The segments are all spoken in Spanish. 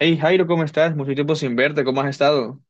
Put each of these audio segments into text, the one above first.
Hey Jairo, ¿cómo estás? Mucho tiempo sin verte, ¿cómo has estado?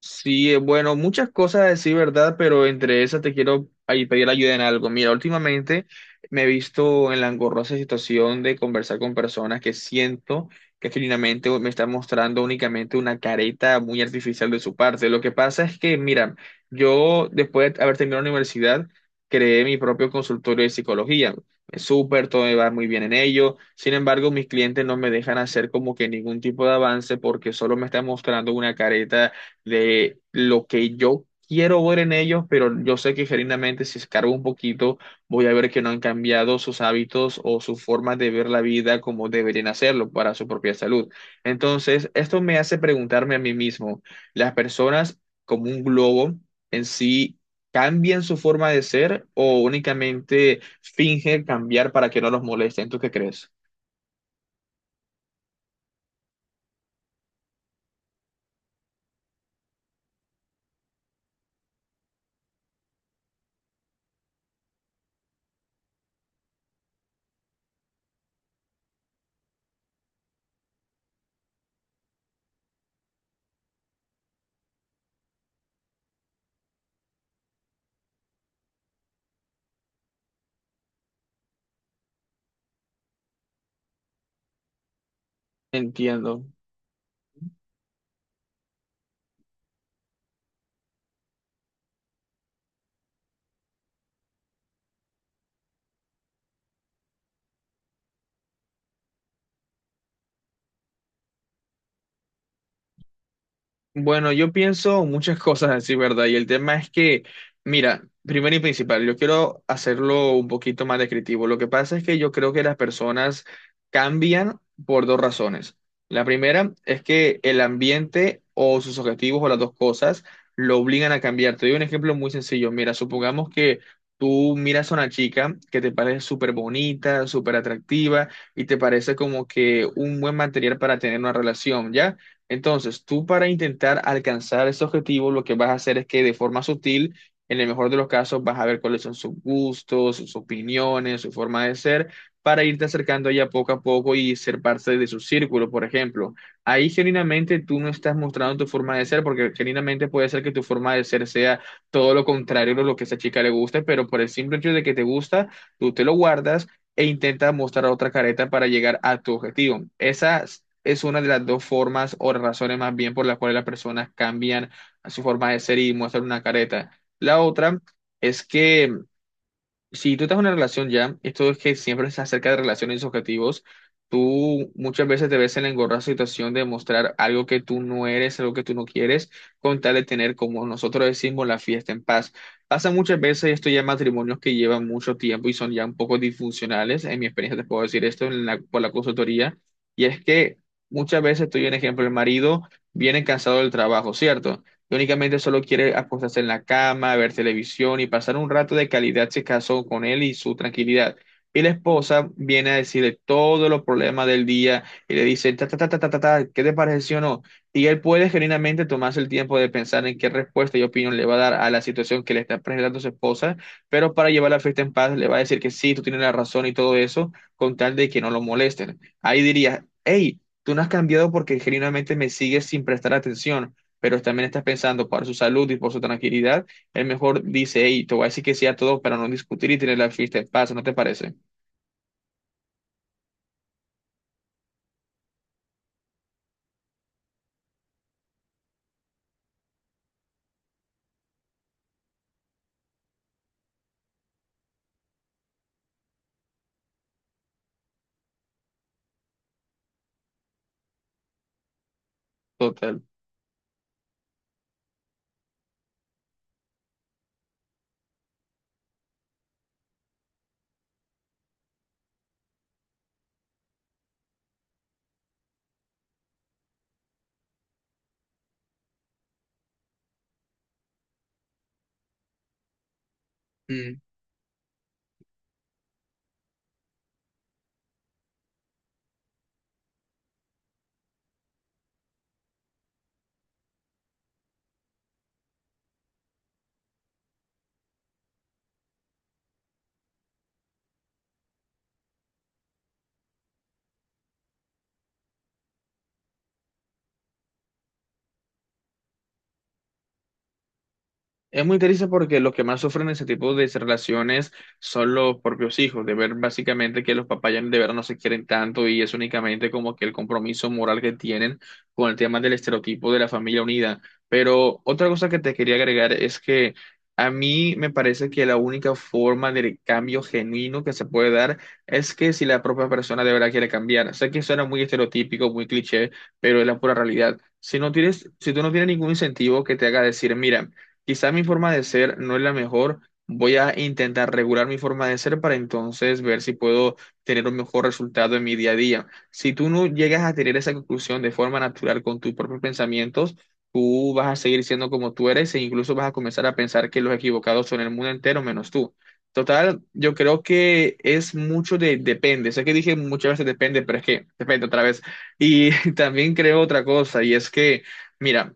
Sí, bueno, muchas cosas a decir, ¿verdad? Pero entre esas te quiero ahí pedir ayuda en algo. Mira, últimamente me he visto en la engorrosa situación de conversar con personas que siento que genuinamente me están mostrando únicamente una careta muy artificial de su parte. Lo que pasa es que, mira, yo después de haber terminado la universidad, creé mi propio consultorio de psicología. Es súper, todo me va muy bien en ello. Sin embargo, mis clientes no me dejan hacer como que ningún tipo de avance porque solo me están mostrando una careta de lo que yo quiero ver en ellos, pero yo sé que genuinamente si escargo un poquito, voy a ver que no han cambiado sus hábitos o su forma de ver la vida como deberían hacerlo para su propia salud. Entonces, esto me hace preguntarme a mí mismo, ¿las personas como un globo en sí cambian su forma de ser o únicamente fingen cambiar para que no los molesten? ¿Tú qué crees? Entiendo. Bueno, yo pienso muchas cosas así, ¿verdad? Y el tema es que, mira, primero y principal, yo quiero hacerlo un poquito más descriptivo. Lo que pasa es que yo creo que las personas cambian por dos razones. La primera es que el ambiente o sus objetivos o las dos cosas lo obligan a cambiar. Te doy un ejemplo muy sencillo. Mira, supongamos que tú miras a una chica que te parece súper bonita, súper atractiva y te parece como que un buen material para tener una relación, ¿ya? Entonces, tú para intentar alcanzar ese objetivo, lo que vas a hacer es que de forma sutil, en el mejor de los casos, vas a ver cuáles son sus gustos, sus opiniones, su forma de ser, para irte acercando ya poco a poco y ser parte de su círculo, por ejemplo. Ahí genuinamente tú no estás mostrando tu forma de ser, porque genuinamente puede ser que tu forma de ser sea todo lo contrario de lo que a esa chica le gusta, pero por el simple hecho de que te gusta, tú te lo guardas e intenta mostrar otra careta para llegar a tu objetivo. Esa es una de las dos formas o razones más bien por las cuales las personas cambian su forma de ser y muestran una careta. La otra es que si tú estás en una relación ya, esto es que siempre es acerca de relaciones y objetivos, tú muchas veces te ves en la engorrosa situación de mostrar algo que tú no eres, algo que tú no quieres, con tal de tener, como nosotros decimos, la fiesta en paz. Pasa muchas veces esto ya en matrimonios que llevan mucho tiempo y son ya un poco disfuncionales, en mi experiencia te puedo decir esto por la consultoría, y es que muchas veces, estoy un ejemplo, el marido viene cansado del trabajo, ¿cierto? Y únicamente solo quiere acostarse en la cama, ver televisión y pasar un rato de calidad si casó con él y su tranquilidad. Y la esposa viene a decirle todos los problemas del día y le dice, ta, ta, ta, ta, ta, ta, ta, ¿qué te pareció o no? Y él puede genuinamente tomarse el tiempo de pensar en qué respuesta y opinión le va a dar a la situación que le está presentando su esposa, pero para llevar la fiesta en paz le va a decir que sí, tú tienes la razón y todo eso, con tal de que no lo molesten. Ahí diría, hey, tú no has cambiado porque genuinamente me sigues sin prestar atención, pero también estás pensando por su salud y por su tranquilidad, él mejor dice, hey, te voy a decir que sí a todo para no discutir y tener la fiesta en paz, ¿no te parece? Total. Es muy triste porque los que más sufren ese tipo de relaciones son los propios hijos, de ver básicamente que los papás ya de verdad no se quieren tanto y es únicamente como que el compromiso moral que tienen con el tema del estereotipo de la familia unida. Pero otra cosa que te quería agregar es que a mí me parece que la única forma del cambio genuino que se puede dar es que si la propia persona de verdad quiere cambiar. Sé que suena muy estereotípico, muy cliché, pero es la pura realidad. Si tú no tienes ningún incentivo que te haga decir, mira, quizá mi forma de ser no es la mejor. Voy a intentar regular mi forma de ser para entonces ver si puedo tener un mejor resultado en mi día a día. Si tú no llegas a tener esa conclusión de forma natural con tus propios pensamientos, tú vas a seguir siendo como tú eres e incluso vas a comenzar a pensar que los equivocados son el mundo entero menos tú. Total, yo creo que es mucho de depende. Sé que dije muchas veces depende, pero es que depende otra vez. Y también creo otra cosa y es que, mira.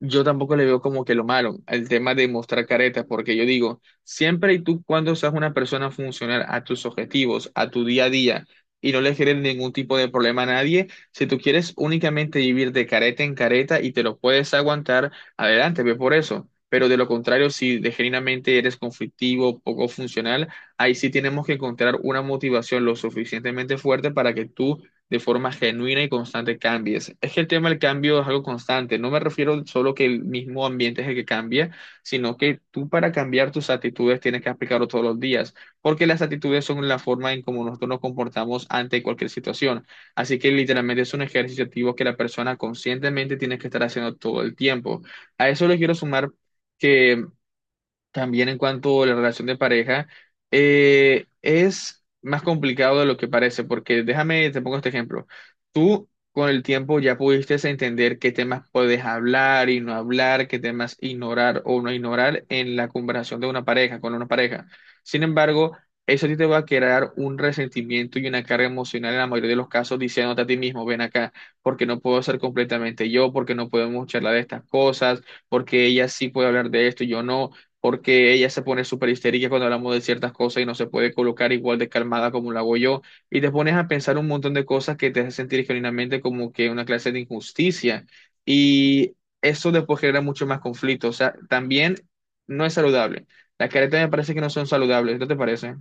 Yo tampoco le veo como que lo malo al tema de mostrar caretas, porque yo digo, siempre y tú cuando seas una persona funcional a tus objetivos, a tu día a día, y no le generes ningún tipo de problema a nadie, si tú quieres únicamente vivir de careta en careta y te lo puedes aguantar, adelante, ve por eso. Pero de lo contrario, si de genuinamente eres conflictivo, poco funcional, ahí sí tenemos que encontrar una motivación lo suficientemente fuerte para que tú de forma genuina y constante cambies. Es que el tema del cambio es algo constante. No me refiero solo que el mismo ambiente es el que cambia, sino que tú para cambiar tus actitudes tienes que aplicarlo todos los días, porque las actitudes son la forma en cómo nosotros nos comportamos ante cualquier situación. Así que literalmente es un ejercicio activo que la persona conscientemente tiene que estar haciendo todo el tiempo. A eso le quiero sumar que también en cuanto a la relación de pareja, es más complicado de lo que parece, porque déjame, te pongo este ejemplo. Tú con el tiempo ya pudiste entender qué temas puedes hablar y no hablar, qué temas ignorar o no ignorar en la conversación de una pareja, con una pareja. Sin embargo, eso a ti te va a crear un resentimiento y una carga emocional en la mayoría de los casos, diciéndote a ti mismo, ven acá, porque no puedo ser completamente yo, porque no podemos charlar de estas cosas, porque ella sí puede hablar de esto y yo no, porque ella se pone súper histérica cuando hablamos de ciertas cosas y no se puede colocar igual de calmada como lo hago yo, y te pones a pensar un montón de cosas que te hacen sentir genuinamente como que una clase de injusticia, y eso después genera mucho más conflicto, o sea, también no es saludable. Las caretas me parece que no son saludables, ¿no te parece?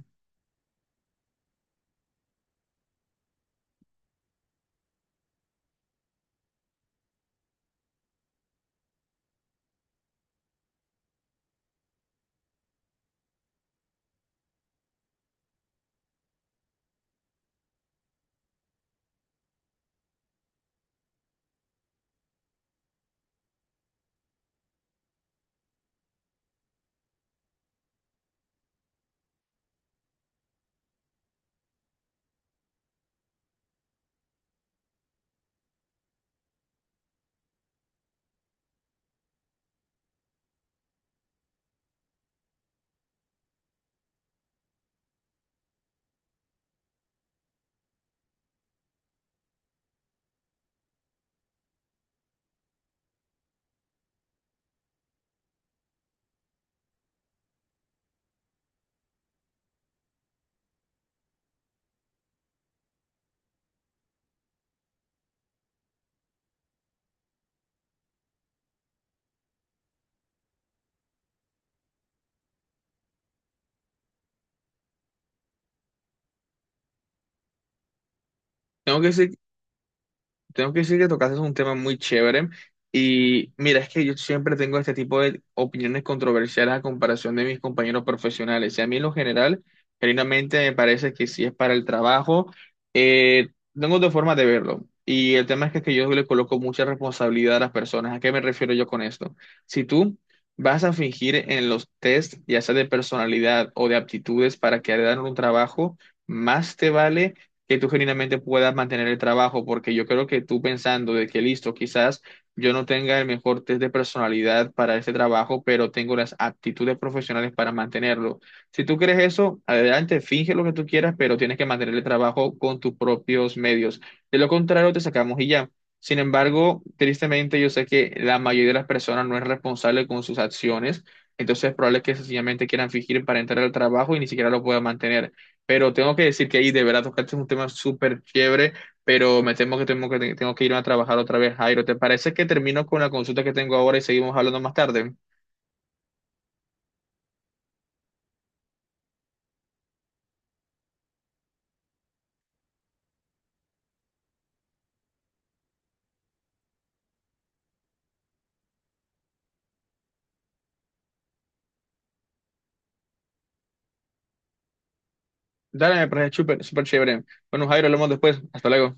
Tengo que decir Tengo que decir que tocaste un tema muy chévere y mira, es que yo siempre tengo este tipo de opiniones controversiales a comparación de mis compañeros profesionales. Y a mí en lo general, genuinamente me parece que si es para el trabajo, eh, tengo dos formas de verlo. Y el tema es que yo le coloco mucha responsabilidad a las personas. ¿A qué me refiero yo con esto? Si tú vas a fingir en los test, ya sea de personalidad o de aptitudes para que hagan un trabajo, más te vale que tú genuinamente puedas mantener el trabajo, porque yo creo que tú pensando de que listo, quizás yo no tenga el mejor test de personalidad para este trabajo, pero tengo las aptitudes profesionales para mantenerlo. Si tú crees eso, adelante, finge lo que tú quieras, pero tienes que mantener el trabajo con tus propios medios. De lo contrario, te sacamos y ya. Sin embargo, tristemente yo sé que la mayoría de las personas no es responsable con sus acciones, entonces es probable que sencillamente quieran fingir para entrar al trabajo y ni siquiera lo puedan mantener. Pero tengo que decir que ahí de verdad tocaste un tema súper chévere, pero me temo que tengo que irme a trabajar otra vez, Jairo. ¿Te parece que termino con la consulta que tengo ahora y seguimos hablando más tarde? Dale, me parece súper súper chévere. Bueno, Jairo, hablamos después. Hasta luego.